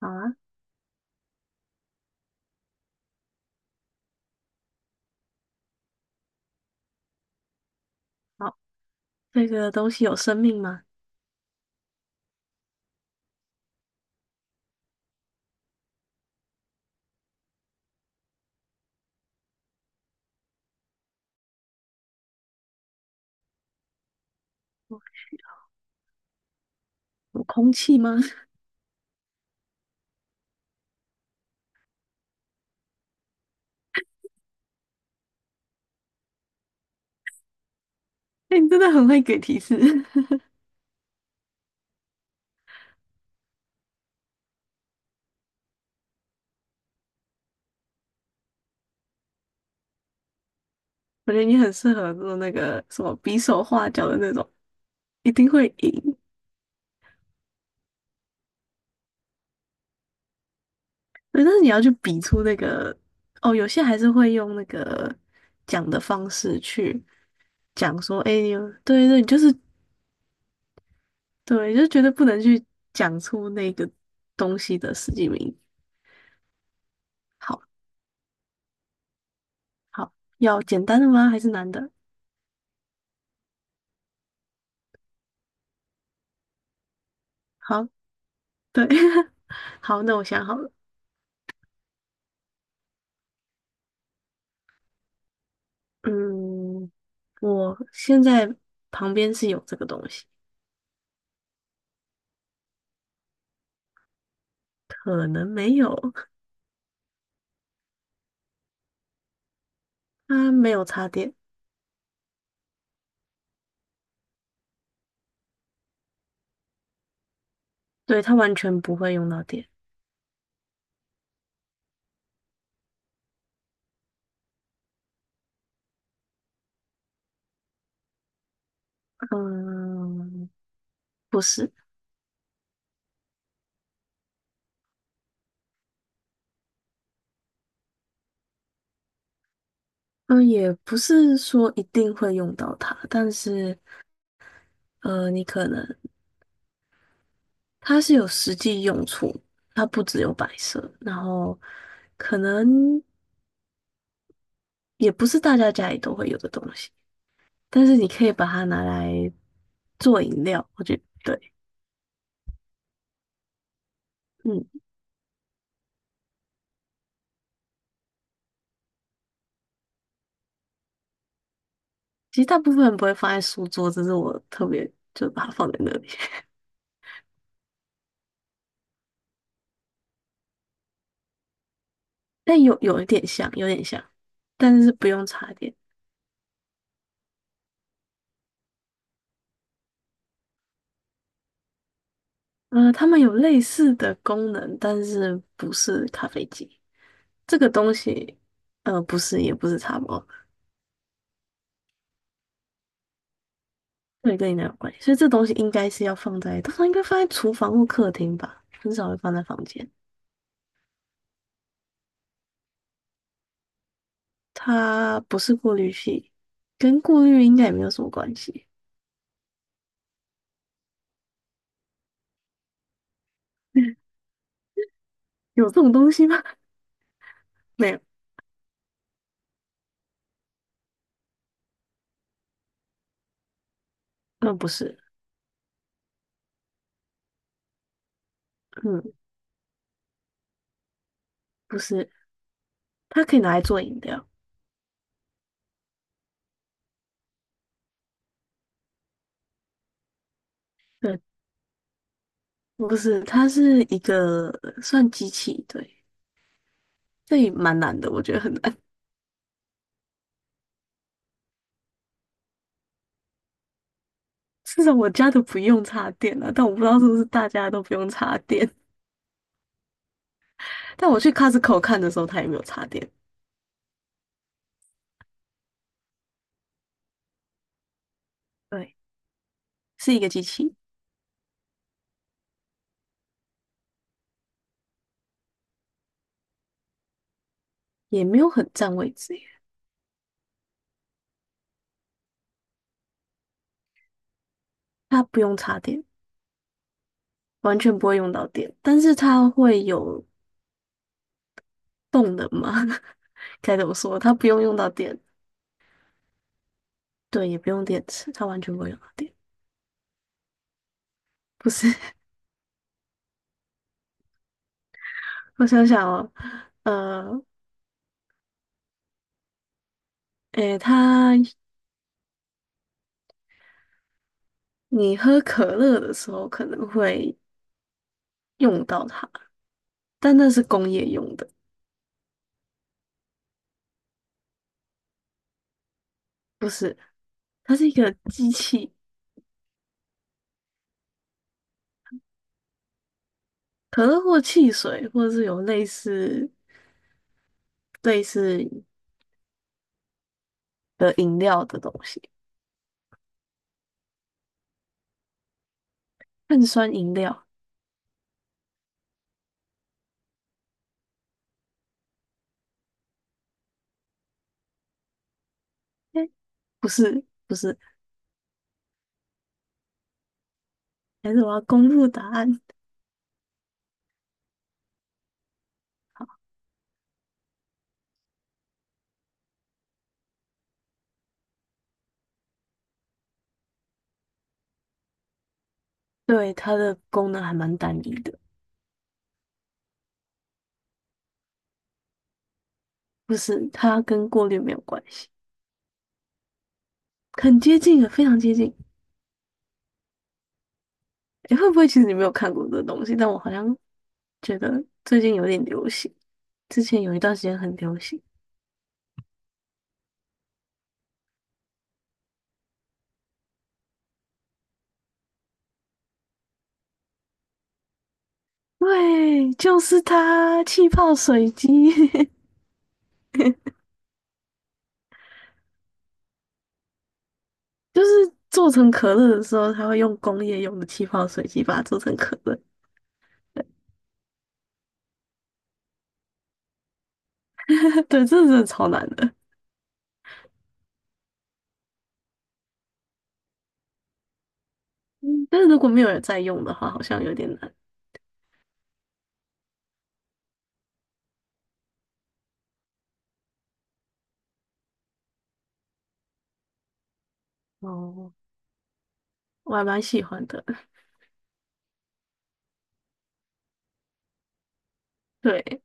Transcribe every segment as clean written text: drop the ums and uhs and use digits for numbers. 好啊。好，这个东西有生命吗？有空气吗？哎、你真的很会给提示，我觉得你很适合做那个什么比手画脚的那种，一定会赢。对，但是你要去比出那个，哦，有些还是会用那个讲的方式去讲说，哎、你有对对，你就是对，就觉得不能去讲出那个东西的实际名。好。好，要简单的吗？还是难的？好，对，好，那我想好了。嗯，我现在旁边是有这个东西，可能没有，它没有插电，对，它完全不会用到电。嗯，不是。嗯，也不是说一定会用到它，但是，你可能它是有实际用处，它不只有摆设，然后可能也不是大家家里都会有的东西，但是你可以把它拿来做饮料，我觉得对。嗯，其实大部分人不会放在书桌，只是我特别就把它放在那里。但有一点像，有点像，但是不用插电。它们有类似的功能，但是不是咖啡机。这个东西，不是，也不是茶包，对，跟你那有关系。所以这东西应该是要放在，通常应该放在厨房或客厅吧，很少会放在房间。它不是过滤器，跟过滤应该也没有什么关系。有这种东西吗？没有。嗯，不是。嗯，不是。它可以拿来做饮料。对，不是，它是一个算机器，对，这也蛮难的，我觉得很难。至少我家都不用插电啊，但我不知道是不是大家都不用插电。但我去 Costco 看的时候，它也没有插电。对，是一个机器，也没有很占位置耶，它不用插电，完全不会用到电，但是它会有动能嘛？该怎么说？它不用用到电，对，也不用电池，它完全不会用到电。不是。我想想哦，呃，诶，它你喝可乐的时候可能会用到它，但那是工业用的，不是，它是一个机器，可乐或汽水，或者是有类似的饮料的东西，碳酸饮料。诶，不是，不是。还是我要公布答案。对，它的功能还蛮单一的，不是，它跟过滤没有关系，很接近了，非常接近。你会不会其实你没有看过这东西？但我好像觉得最近有点流行，之前有一段时间很流行。对，就是它，气泡水机。就是做成可乐的时候，它会用工业用的气泡水机把它做成可乐。对，这真的超难的。嗯，但是如果没有人在用的话，好像有点难。哦，我还蛮喜欢的。对，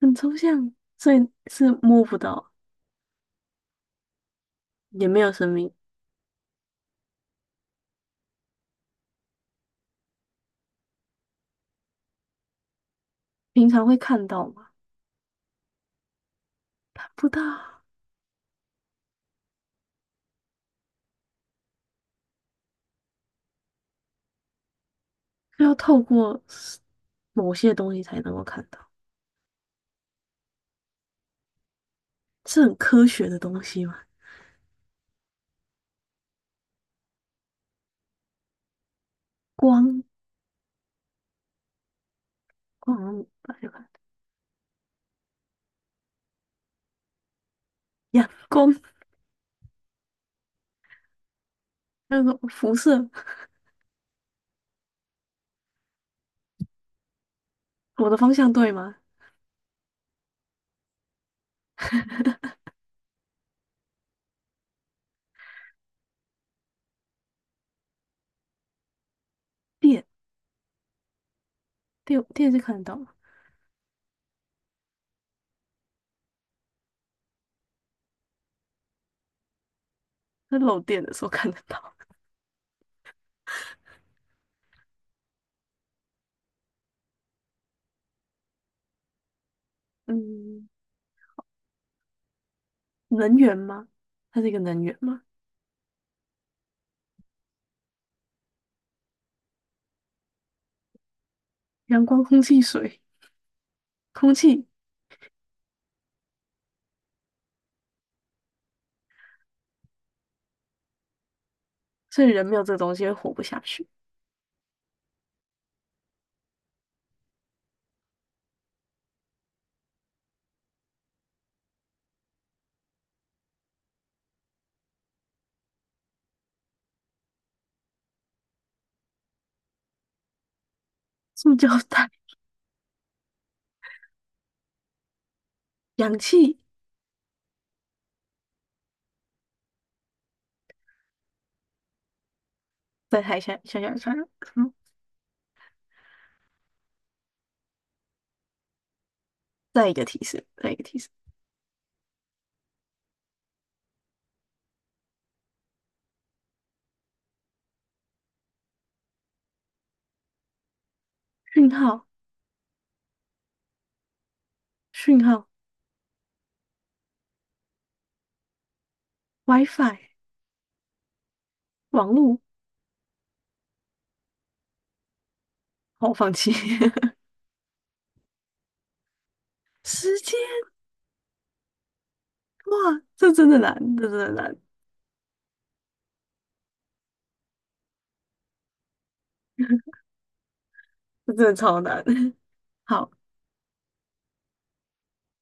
很抽象，所以是摸不到，也没有生命，平常会看到吗？看不到。是要透过某些东西才能够看到，是很科学的东西嘛？光，光好像不看，阳光那个辐射，我的方向对吗？电，电，电是看得到吗？那漏电的时候看得到。嗯，能源吗？它是一个能源吗？阳光、空气、水，空气，所以人没有这个东西会活不下去。塑胶袋、氧气，在抬下想下下，嗯，再一个提示，再一个提示，讯号，讯号，WiFi。网路，好，我放弃。时间，哇，这真的难，这真的难，这真的超难。好。